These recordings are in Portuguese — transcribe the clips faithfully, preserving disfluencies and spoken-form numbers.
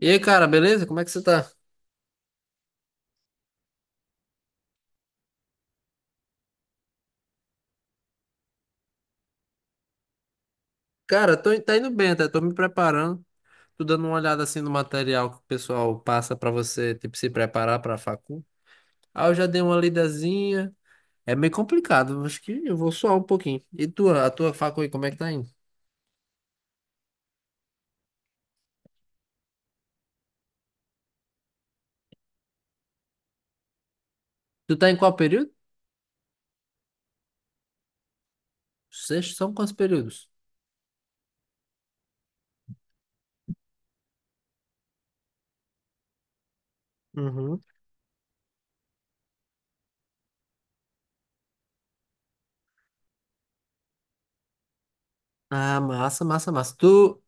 E aí, cara, beleza? Como é que você tá? Cara, tô, tá indo bem, tá? Tô me preparando. Tô dando uma olhada assim no material que o pessoal passa pra você, tipo, se preparar pra facu. Ah, eu já dei uma lidazinha. É meio complicado, acho que eu vou suar um pouquinho. E tua, a tua facu aí, como é que tá indo? Tu tá em qual período? Sexto, são quantos períodos? Uhum. Ah, massa, massa, massa. Tu,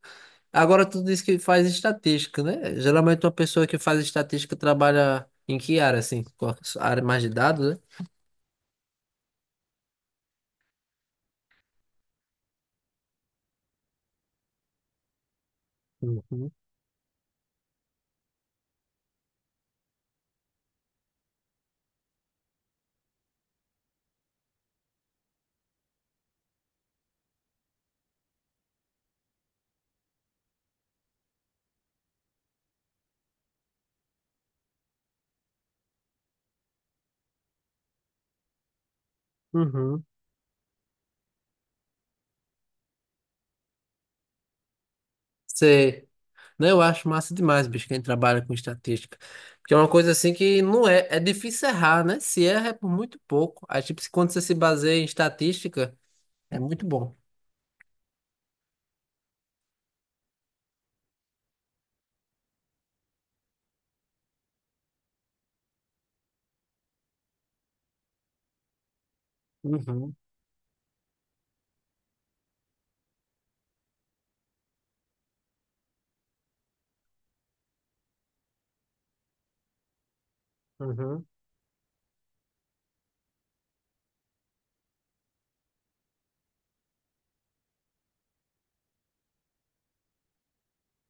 agora tu disse que faz estatística, né? Geralmente uma pessoa que faz estatística trabalha em que área, assim? Qual- a área mais de dados, né? Uhum, uhum. Sei. Não, eu acho massa demais, bicho, quem trabalha com estatística. Porque é uma coisa assim que não é. É difícil errar, né? Se erra é por muito pouco. Aí, tipo, se- quando você se baseia em estatística, é muito bom. Uhum, uhum,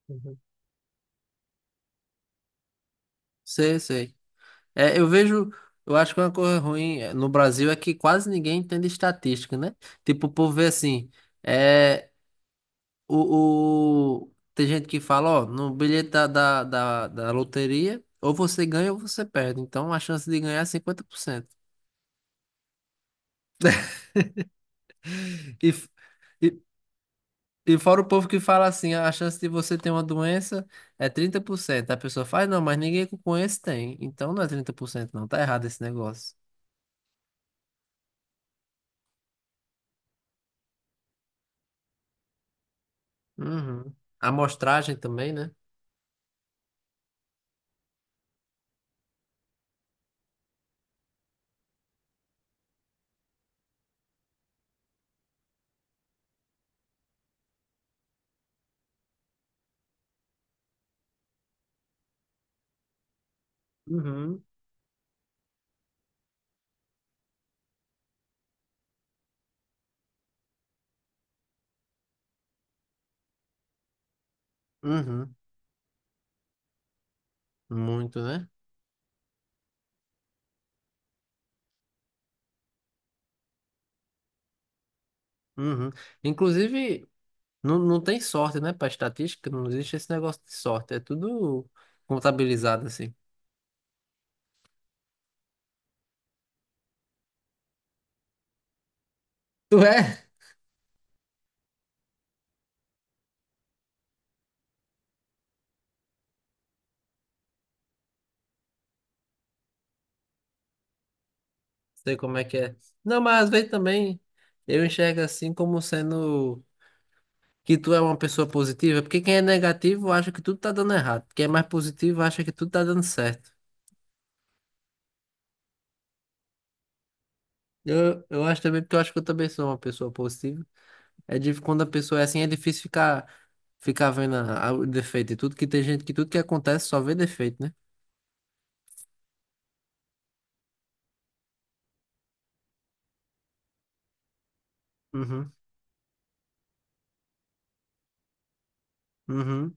uhum. Sei, sei. É, eu vejo. Eu acho que é uma coisa ruim eh, no Brasil é que quase ninguém entende estatística, né? Tipo, o povo vê assim. é, O, o- Tem gente que fala, ó, no bilhete da, da, da, da loteria, ou você ganha ou você perde. Então a chance de ganhar é cinquenta por cento. E, f- e, e fora o povo que fala assim, "Ah, a chance de você ter uma doença é trinta por cento. A pessoa faz, não, mas ninguém que eu conheço tem. Então não é trinta por cento não. Tá errado esse negócio. Uhum. Amostragem também, né? Uhum. Uhum. Muito, né? Uhum. Inclusive. Não, não tem sorte, né? Pra estatística, não existe esse negócio de sorte. É tudo contabilizado, assim. Tu é? Sei como é que é. Não, mas às vezes também eu enxergo assim como sendo que tu é uma pessoa positiva, porque quem é negativo acha que tudo tá dando errado. Quem é mais positivo acha que tudo tá dando certo. Eu, eu acho também, porque eu acho que eu também sou uma pessoa positiva. É difícil quando a pessoa é assim, é difícil ficar, ficar vendo a- a- o defeito e tudo, que tem gente que tudo que acontece só vê defeito, né? Uhum, uhum.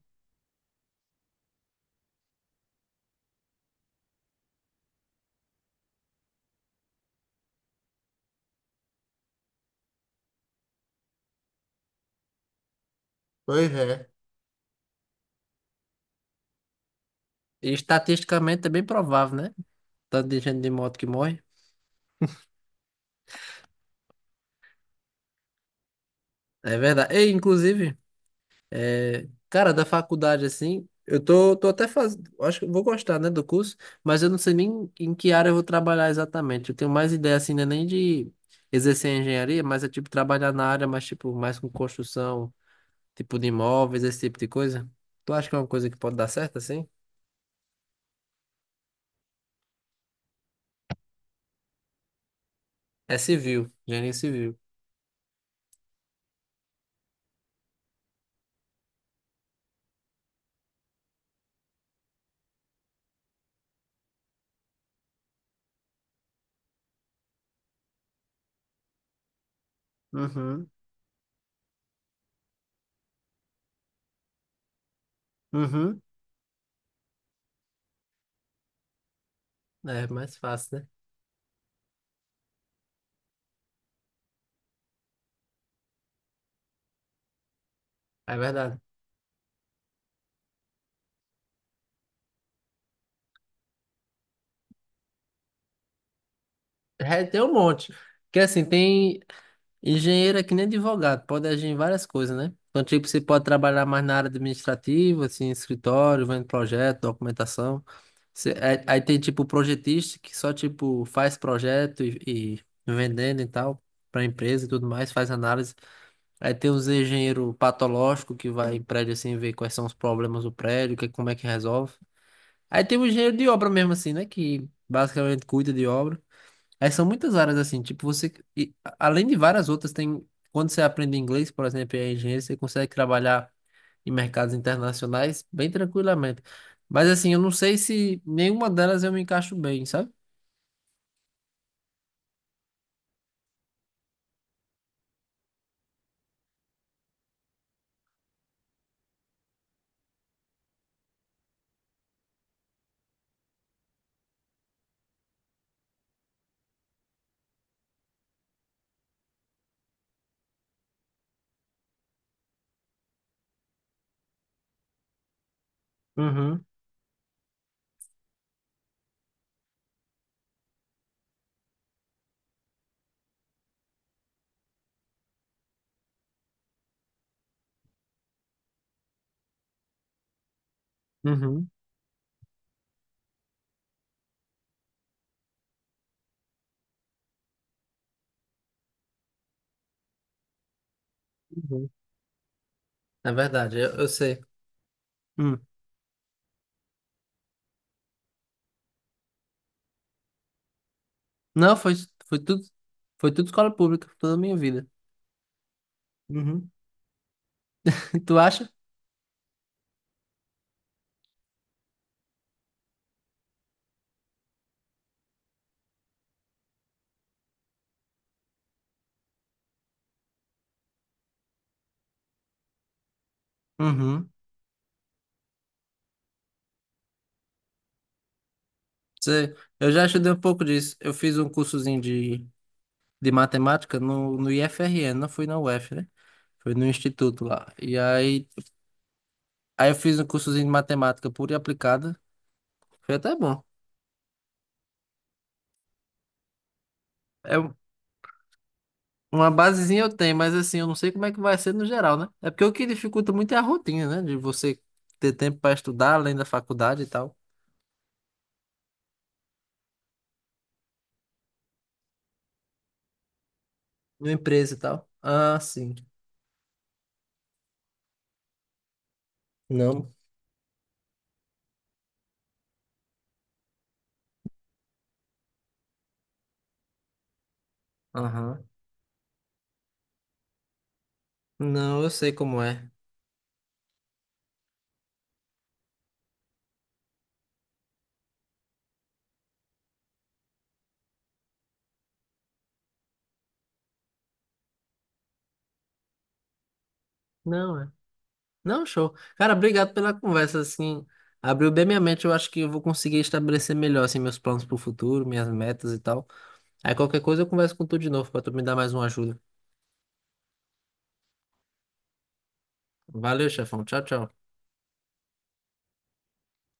Pois é. E estatisticamente é bem provável, né? Tanto de gente de moto que morre. É verdade. E, inclusive, é, cara, da faculdade, assim, eu tô, tô até fazendo. Acho que eu vou gostar, né, do curso, mas eu não sei nem em que área eu vou trabalhar exatamente. Eu tenho mais ideia, assim, né, nem de exercer engenharia, mas é tipo trabalhar na área, mas tipo, mais com construção, tipo de imóveis, esse tipo de coisa. Tu acha que é uma coisa que pode dar certo, assim? É civil, engenharia civil. Uhum, uhum. É mais fácil, né? É verdade. É, tem um monte. Porque assim, tem engenheiro é que nem advogado, pode agir em várias coisas, né? Então, tipo, você pode trabalhar mais na área administrativa, assim, escritório, vendo projeto, documentação. Você- é- aí tem, tipo, projetista que só, tipo, faz projeto e, e vendendo e tal, para empresa e tudo mais, faz análise. Aí tem os engenheiro patológico que vai em prédio, assim, ver quais são os problemas do prédio, que, como é que resolve. Aí tem o engenheiro de obra mesmo, assim, né? Que basicamente cuida de obra. É, são muitas áreas assim, tipo, você, e, a- além de várias outras, tem, quando você aprende inglês, por exemplo, e é engenheiro, você consegue trabalhar em mercados internacionais bem tranquilamente. Mas assim, eu não sei se nenhuma delas eu me encaixo bem, sabe? Uhum, uhum, uhum. É verdade, eu, eu sei. Hum. Não, foi, foi tudo, foi tudo escola pública, toda a minha vida. Uhum. Tu acha? Uhum. Sei. Eu já estudei um pouco disso. Eu fiz um cursozinho de de matemática no, no I F R N, não foi na U F, né? Foi no instituto lá. E aí, aí eu fiz um cursozinho de matemática pura e aplicada. Foi até bom. É um- uma basezinha eu tenho, mas assim, eu não sei como é que vai ser no geral, né? É porque o que dificulta muito é a rotina, né? De você ter tempo para estudar além da faculdade e tal, numa empresa e tal. Ah, sim. Não. Aham. Não, eu sei como é. Não, Não, show. Cara, obrigado pela conversa, assim, abriu bem minha mente, eu acho que eu vou conseguir estabelecer melhor, assim, meus planos pro futuro, minhas metas e tal. Aí qualquer coisa eu converso com tu de novo, pra tu me dar mais uma ajuda. Valeu, chefão. Tchau, tchau.